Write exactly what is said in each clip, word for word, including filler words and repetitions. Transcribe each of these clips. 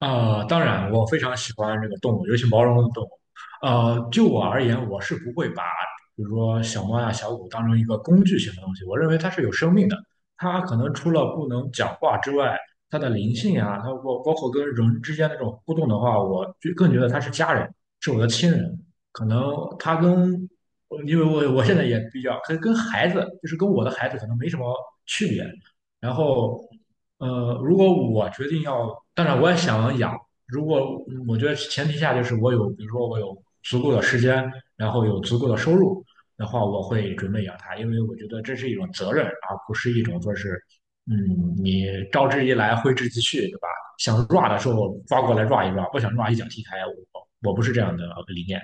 呃，当然，我非常喜欢这个动物，尤其毛茸茸的动物。呃，就我而言，我是不会把比如说小猫呀、小狗当成一个工具性的东西。我认为它是有生命的，它可能除了不能讲话之外，它的灵性呀，它包包括跟人之间那种互动的话，我就更觉得它是家人，是我的亲人。可能它跟，因为我我现在也比较跟跟孩子，就是跟我的孩子可能没什么区别。然后，呃，如果我决定要，当然我也想养。如果我觉得前提下就是我有，比如说我有足够的时间，然后有足够的收入的话，我会准备养它，因为我觉得这是一种责任，而不是一种说是，嗯，你招之即来，挥之即去，对吧？想 rua 的时候抓过来 rua 一 rua,不想 rua 一脚踢开。我我不是这样的理念。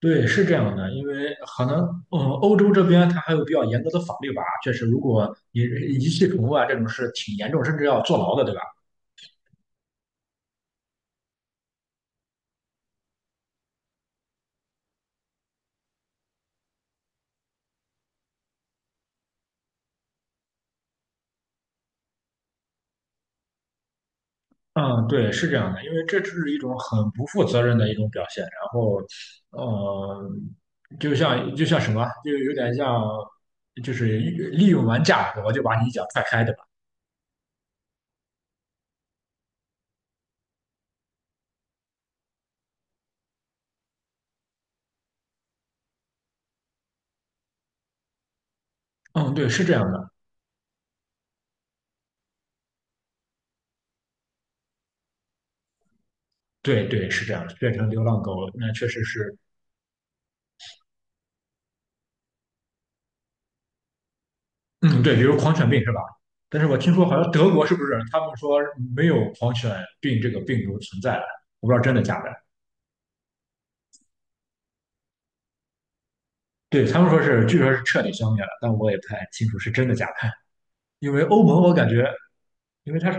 对，是这样的，因为可能，嗯，欧洲这边它还有比较严格的法律吧，确实，如果你遗弃宠物啊，这种事挺严重，甚至要坐牢的，对吧？嗯，对，是这样的，因为这是一种很不负责任的一种表现，然后，呃，就像就像什么，就有点像，就是利用完价格，我就把你一脚踹开，对吧？嗯，对，是这样的，对对，是这样的，变成流浪狗，那确实是。嗯，对，比如狂犬病是吧？但是我听说好像德国是不是他们说没有狂犬病这个病毒存在了？我不知道真的假的。对，他们说是，据说是彻底消灭了，但我也不太清楚是真的假的。因为欧盟，我感觉，因为它是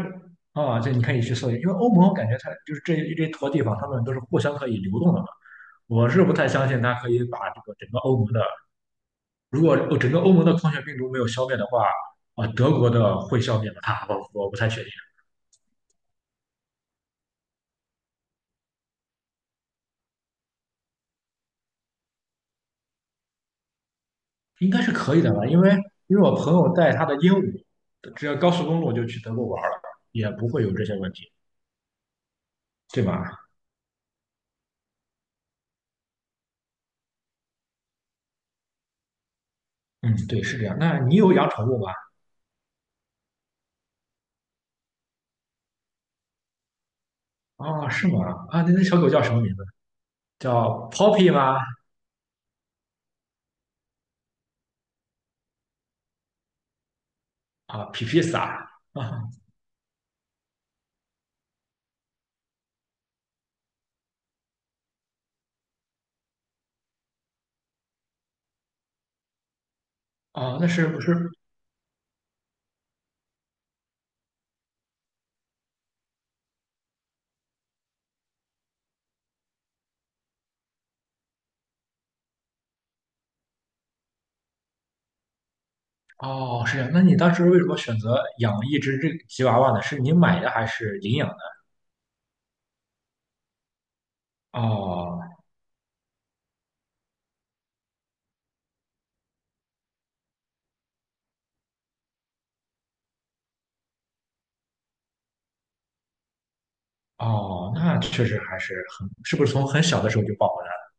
啊，这你可以去搜一下，因为欧盟我感觉它就是这一这坨地方，他们都是互相可以流动的嘛。我是不太相信它可以把这个整个欧盟的，如果整个欧盟的狂犬病毒没有消灭的话，啊，德国的会消灭吗？它我我不太确定。应该是可以的吧？因为因为我朋友带他的鹦鹉，只要高速公路就去德国玩了，也不会有这些问题，对吧？嗯，对，是这样。那你有养宠物吗？啊，是吗？啊，那那小狗叫什么名字？叫 Poppy 吗？啊，皮皮萨啊，哦，那是不是？哦，是这样。那你当时为什么选择养一只这个吉娃娃呢？是你买的还是领养的？哦哦，那确实还是很，是不是从很小的时候就抱回来了？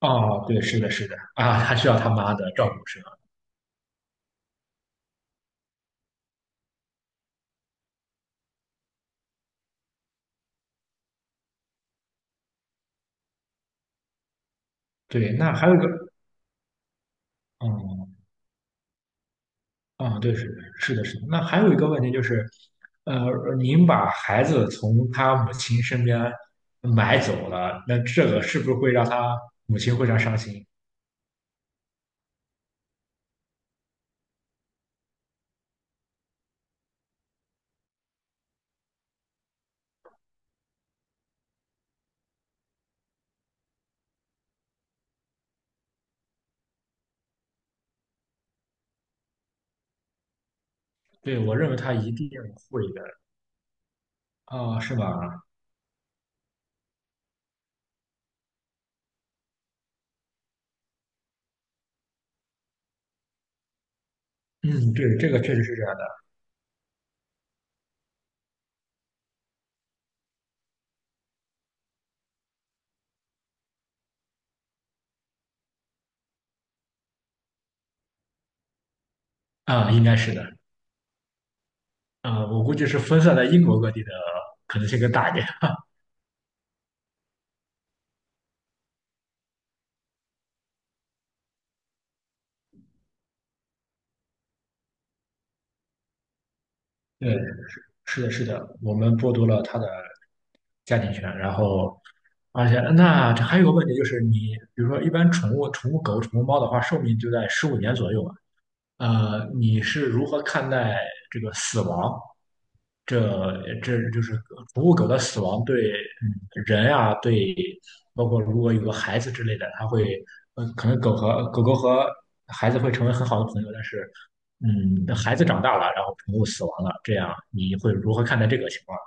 哦，对，是的，是的，啊，还需要他妈的照顾是吧？对，那还有一个，嗯，啊，对，是是的，是的。那还有一个问题就是，呃，您把孩子从他母亲身边买走了，那这个是不是会让他母亲非常伤心？对，我认为他一定会的。啊，是吧？嗯，对，这个确实是这样的。啊，应该是的。啊，我估计是分散在英国各地的可能性更大一点。对，是的，是的，我们剥夺了他的加进去，然后而且那这还有个问题就是你，比如说一般宠物宠物狗、宠物猫的话，寿命就在十五年左右吧。呃，你是如何看待这个死亡？这这就是宠物狗的死亡对嗯人啊，对包括如果有个孩子之类的，它会呃可能狗和狗狗和孩子会成为很好的朋友，但是嗯孩子长大了，然后宠物死亡了，这样你会如何看待这个情况？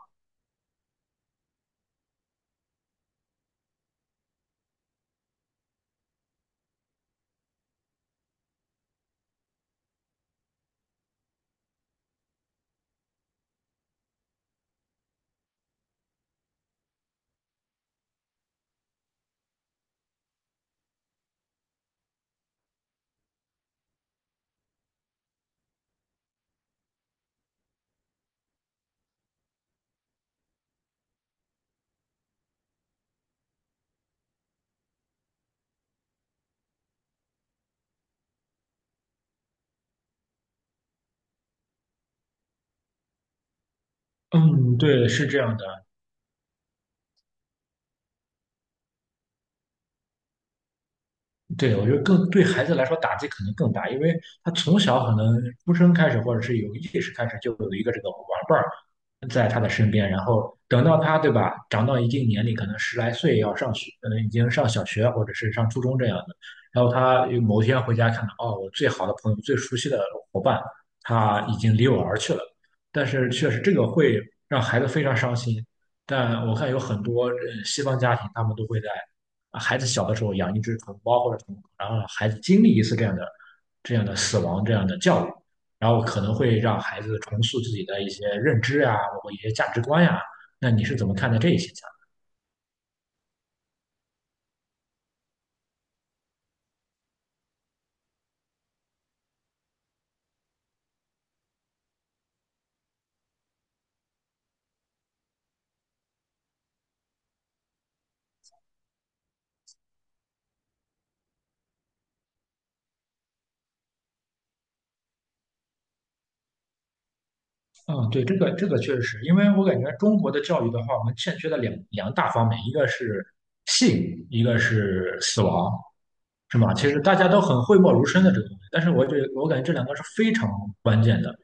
嗯，对，是这样的。对，我觉得更对孩子来说打击可能更大，因为他从小可能出生开始，或者是有意识开始，就有一个这个玩伴儿在他的身边，然后等到他，对吧，长到一定年龄，可能十来岁要上学，可能已经上小学或者是上初中这样的，然后他有某天回家看到，哦，我最好的朋友、最熟悉的伙伴，他已经离我而去了，但是确实这个会让孩子非常伤心，但我看有很多呃西方家庭，他们都会在啊孩子小的时候养一只宠物猫或者宠物狗，然后让孩子经历一次这样的这样的死亡这样的教育，然后可能会让孩子重塑自己的一些认知呀，包括一些价值观呀。那你是怎么看待这一现象？嗯，对，这个这个确实是因为我感觉中国的教育的话，我们欠缺的两两大方面，一个是性，一个是死亡，是吗？其实大家都很讳莫如深的这个东西，但是我觉得我感觉这两个是非常关键的。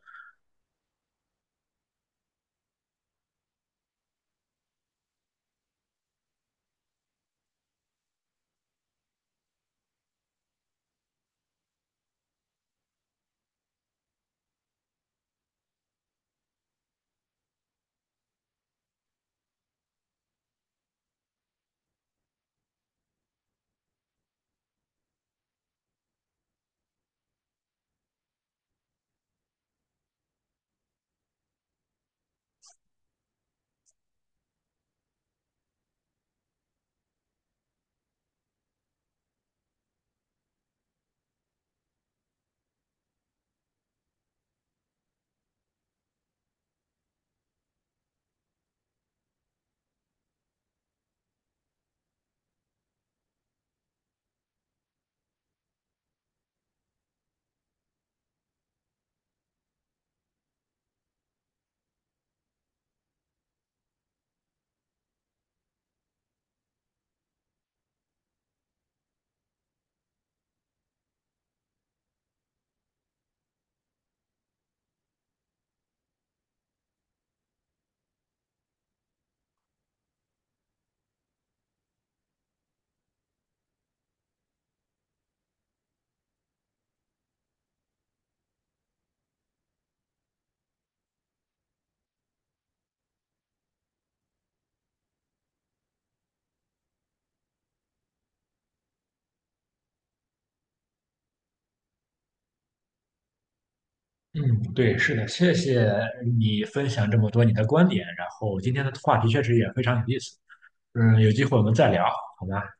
嗯，对，是的，谢谢你分享这么多你的观点，然后今天的话题确实也非常有意思。嗯，有机会我们再聊，好吧？